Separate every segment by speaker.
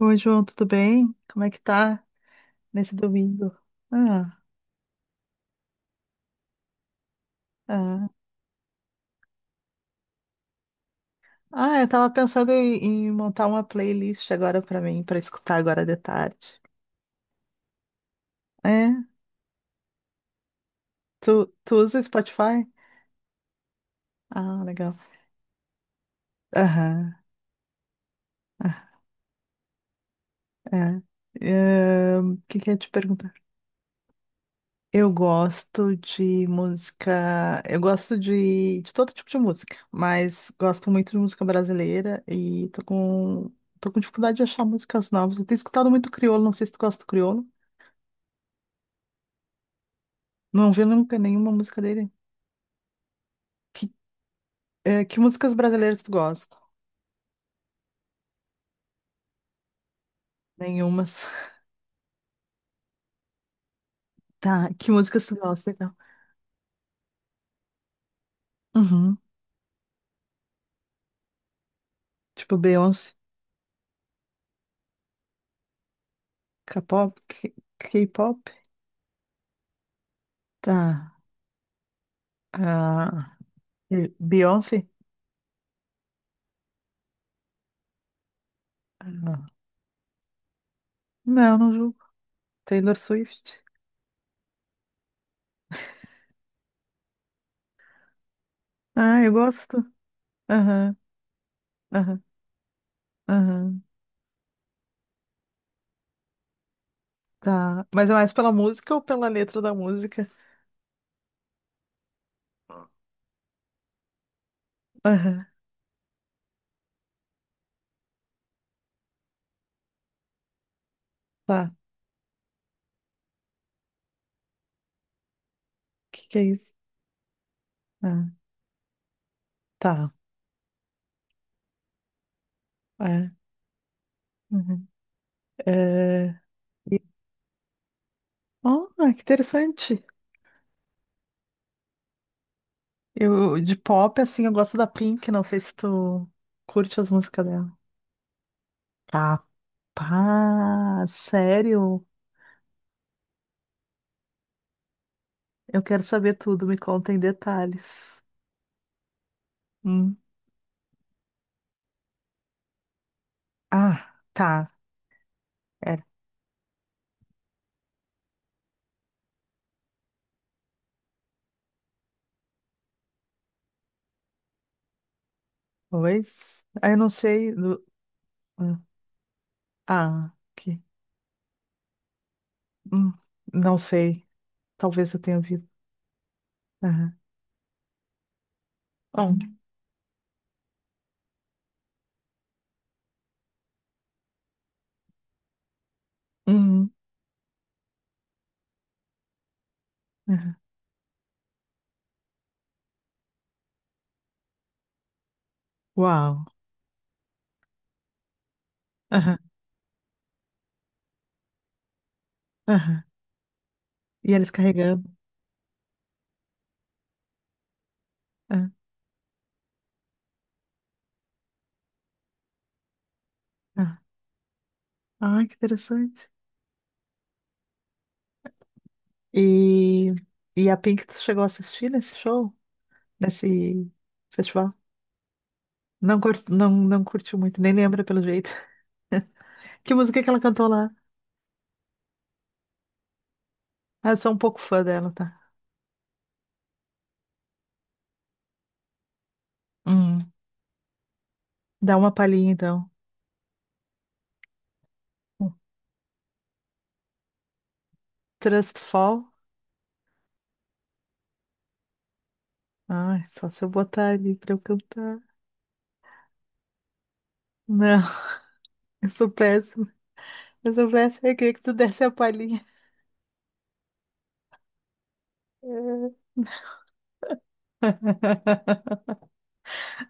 Speaker 1: Oi, João, tudo bem? Como é que tá nesse domingo? Ah, ah. Ah, eu tava pensando em montar uma playlist agora pra mim, pra escutar agora de tarde. É? Tu usa Spotify? Ah, legal. Aham. Ah, é. O que que eu ia te perguntar? Eu gosto de música, eu gosto de todo tipo de música, mas gosto muito de música brasileira e tô com dificuldade de achar músicas novas. Eu tenho escutado muito crioulo, não sei se tu gosta do crioulo. Não ouvi nunca nenhuma música dele. Que, que músicas brasileiras tu gosta? Nenhumas. Tá, que músicas tu gosta, então? Uhum. Tipo Beyoncé, K-pop, K- K-pop. Tá. Ah, e Beyoncé? Ah, não, não julgo. Taylor Swift. Ah, eu gosto. Aham, aham, aham. Tá. Mas é mais pela música ou pela letra da música? Aham, tá. O que que é isso? Ah, tá. É. Uhum. É, oh, que interessante. Eu, de pop, assim, eu gosto da Pink, não sei se tu curte as músicas dela. Capaz, sério? Eu quero saber tudo, me conta em detalhes. Hum. Ah, tá. Era. Talvez. Ah, eu não sei. Hum. Ah, que. hum, Não sei. Talvez eu tenha ouvido. Aham. Hum. Hum, aham. Uau. Aham, aham. E eles carregando. Ah, ah. Ai, que interessante. E, e a Pink, tu chegou a assistir nesse show? Nesse festival? Não, não, não curtiu muito, nem lembra pelo jeito. Que música que ela cantou lá? Ah, eu sou um pouco fã dela, tá? Hum, dá uma palhinha então. Trust Fall? Ai, só se eu botar ali pra eu cantar. Não, eu sou péssima. Eu sou péssima. Eu queria que tu desse a palhinha.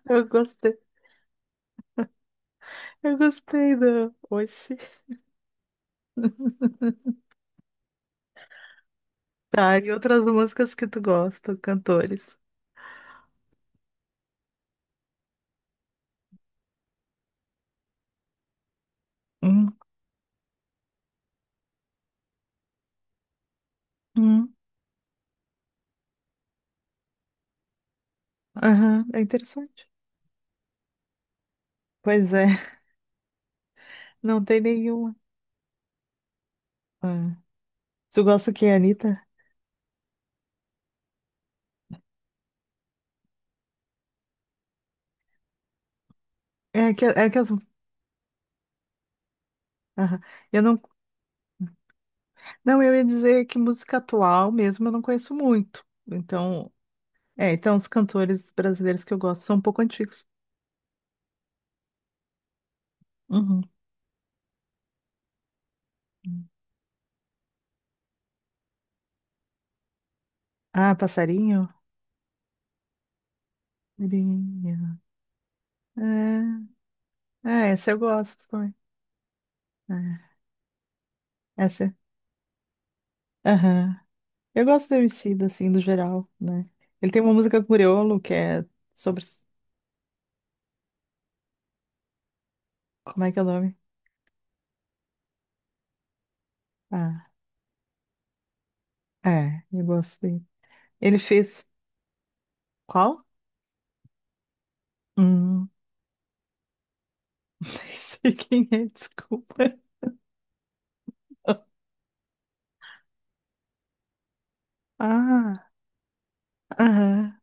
Speaker 1: Eu gostei. Eu gostei do. Oxi. Tá, e outras músicas que tu gosta, cantores. Hum, hum. Aham, é interessante. Pois é, não tem nenhuma. Ah, tu gosta que é Anitta? É que as... Aham. Eu não, não, eu ia dizer que música atual mesmo eu não conheço muito. Então, é, então os cantores brasileiros que eu gosto são um pouco antigos. Uhum. Ah, Passarinho? Passarinho. É, é, essa eu gosto também. É, essa. Aham. Eu gosto do Emicida, assim, do geral, né? Ele tem uma música com Criolo que é sobre. Como é que é o nome? Ah, é, eu gostei. Ele fez qual? Hum, nem sei quem é, desculpa. Ah, aham,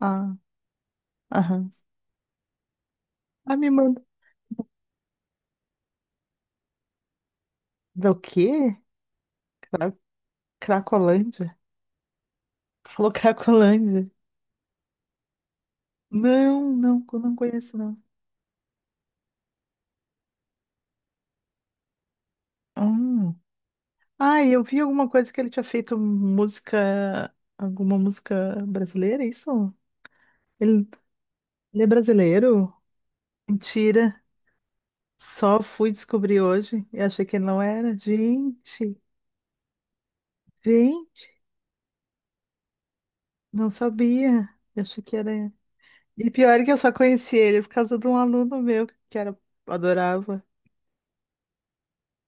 Speaker 1: ah, aham. Ah, me manda. Do quê? Cra- Cracolândia? Tu falou Cracolândia. Não, não, eu não conheço, não. Hum. Ah, e eu vi alguma coisa que ele tinha feito música, alguma música brasileira, é isso? Ele, ele é brasileiro? Mentira. Só fui descobrir hoje e achei que ele não era. Gente. Gente, não sabia. Eu achei que era. E pior é que eu só conheci ele por causa de um aluno meu que era... adorava.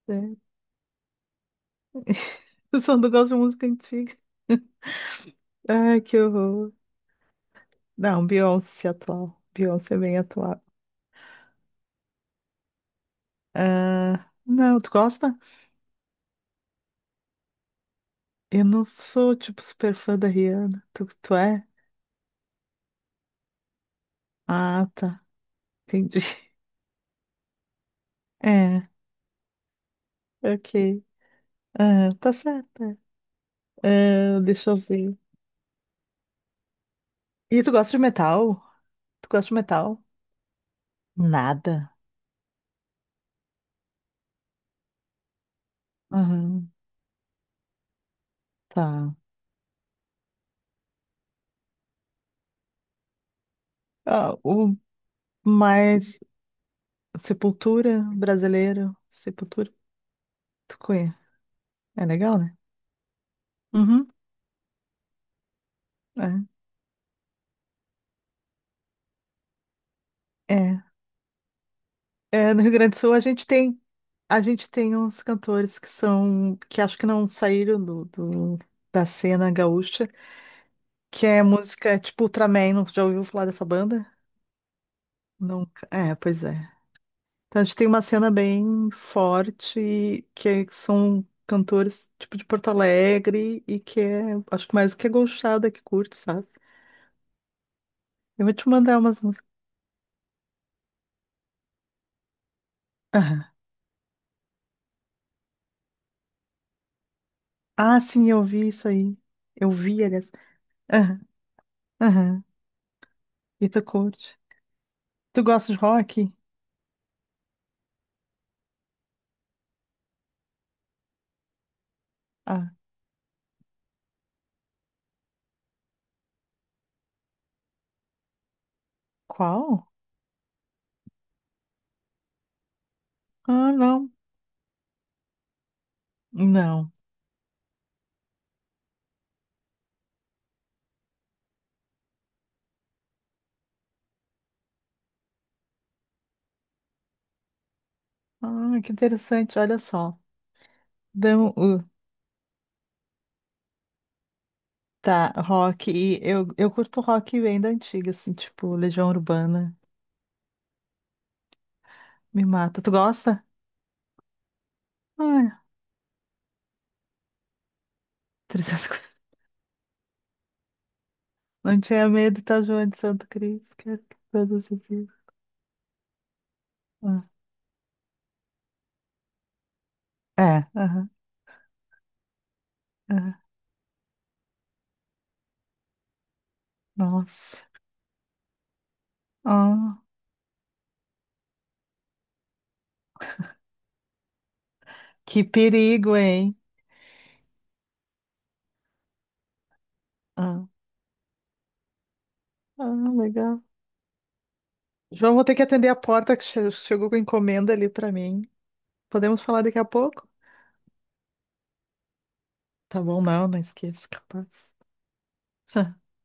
Speaker 1: Né? Eu só não gosto de música antiga. Ai, que horror. Não, Beyoncé atual. Beyoncé é bem atual. Ah, não, tu gosta? Eu não sou, tipo, super fã da Rihanna. Tu é? Ah, tá. Entendi. É, ok. Ah, tá certo. É. Ah, deixa eu ver. E tu gosta de metal? Tu gosta de metal? Nada. Tá. Ah, o mais Sepultura brasileiro, Sepultura, tu conhece? É legal, né? Uhum. É. É. É, no Rio Grande do Sul a gente tem uns cantores que são que acho que não saíram da cena gaúcha, que é música tipo Ultraman, não já ouviu falar dessa banda? Nunca. É, pois é. Então, a gente tem uma cena bem forte, que são cantores tipo de Porto Alegre e que é, acho que mais que é gauchada que curte, sabe? Eu vou te mandar umas músicas. Aham. Ah, sim, eu vi isso aí. Eu vi, aliás. Aham, aham. E tu curte? Tu gosta de rock? Ah, qual? Ah, não. Não. Ah, que interessante, olha só. Então, uh, tá, rock. E eu curto rock bem da antiga, assim, tipo Legião Urbana. Me mata. Tu gosta? Ai, 350. Não tinha medo, tá, João de Santo Cristo, quero que todos te vivam. Ah, é, aham, aham. Nossa. Ah, que perigo, hein? Ah, ah, legal. João, vou ter que atender a porta que chegou com encomenda ali pra mim. Podemos falar daqui a pouco? Tá bom, não, não esqueça, capaz.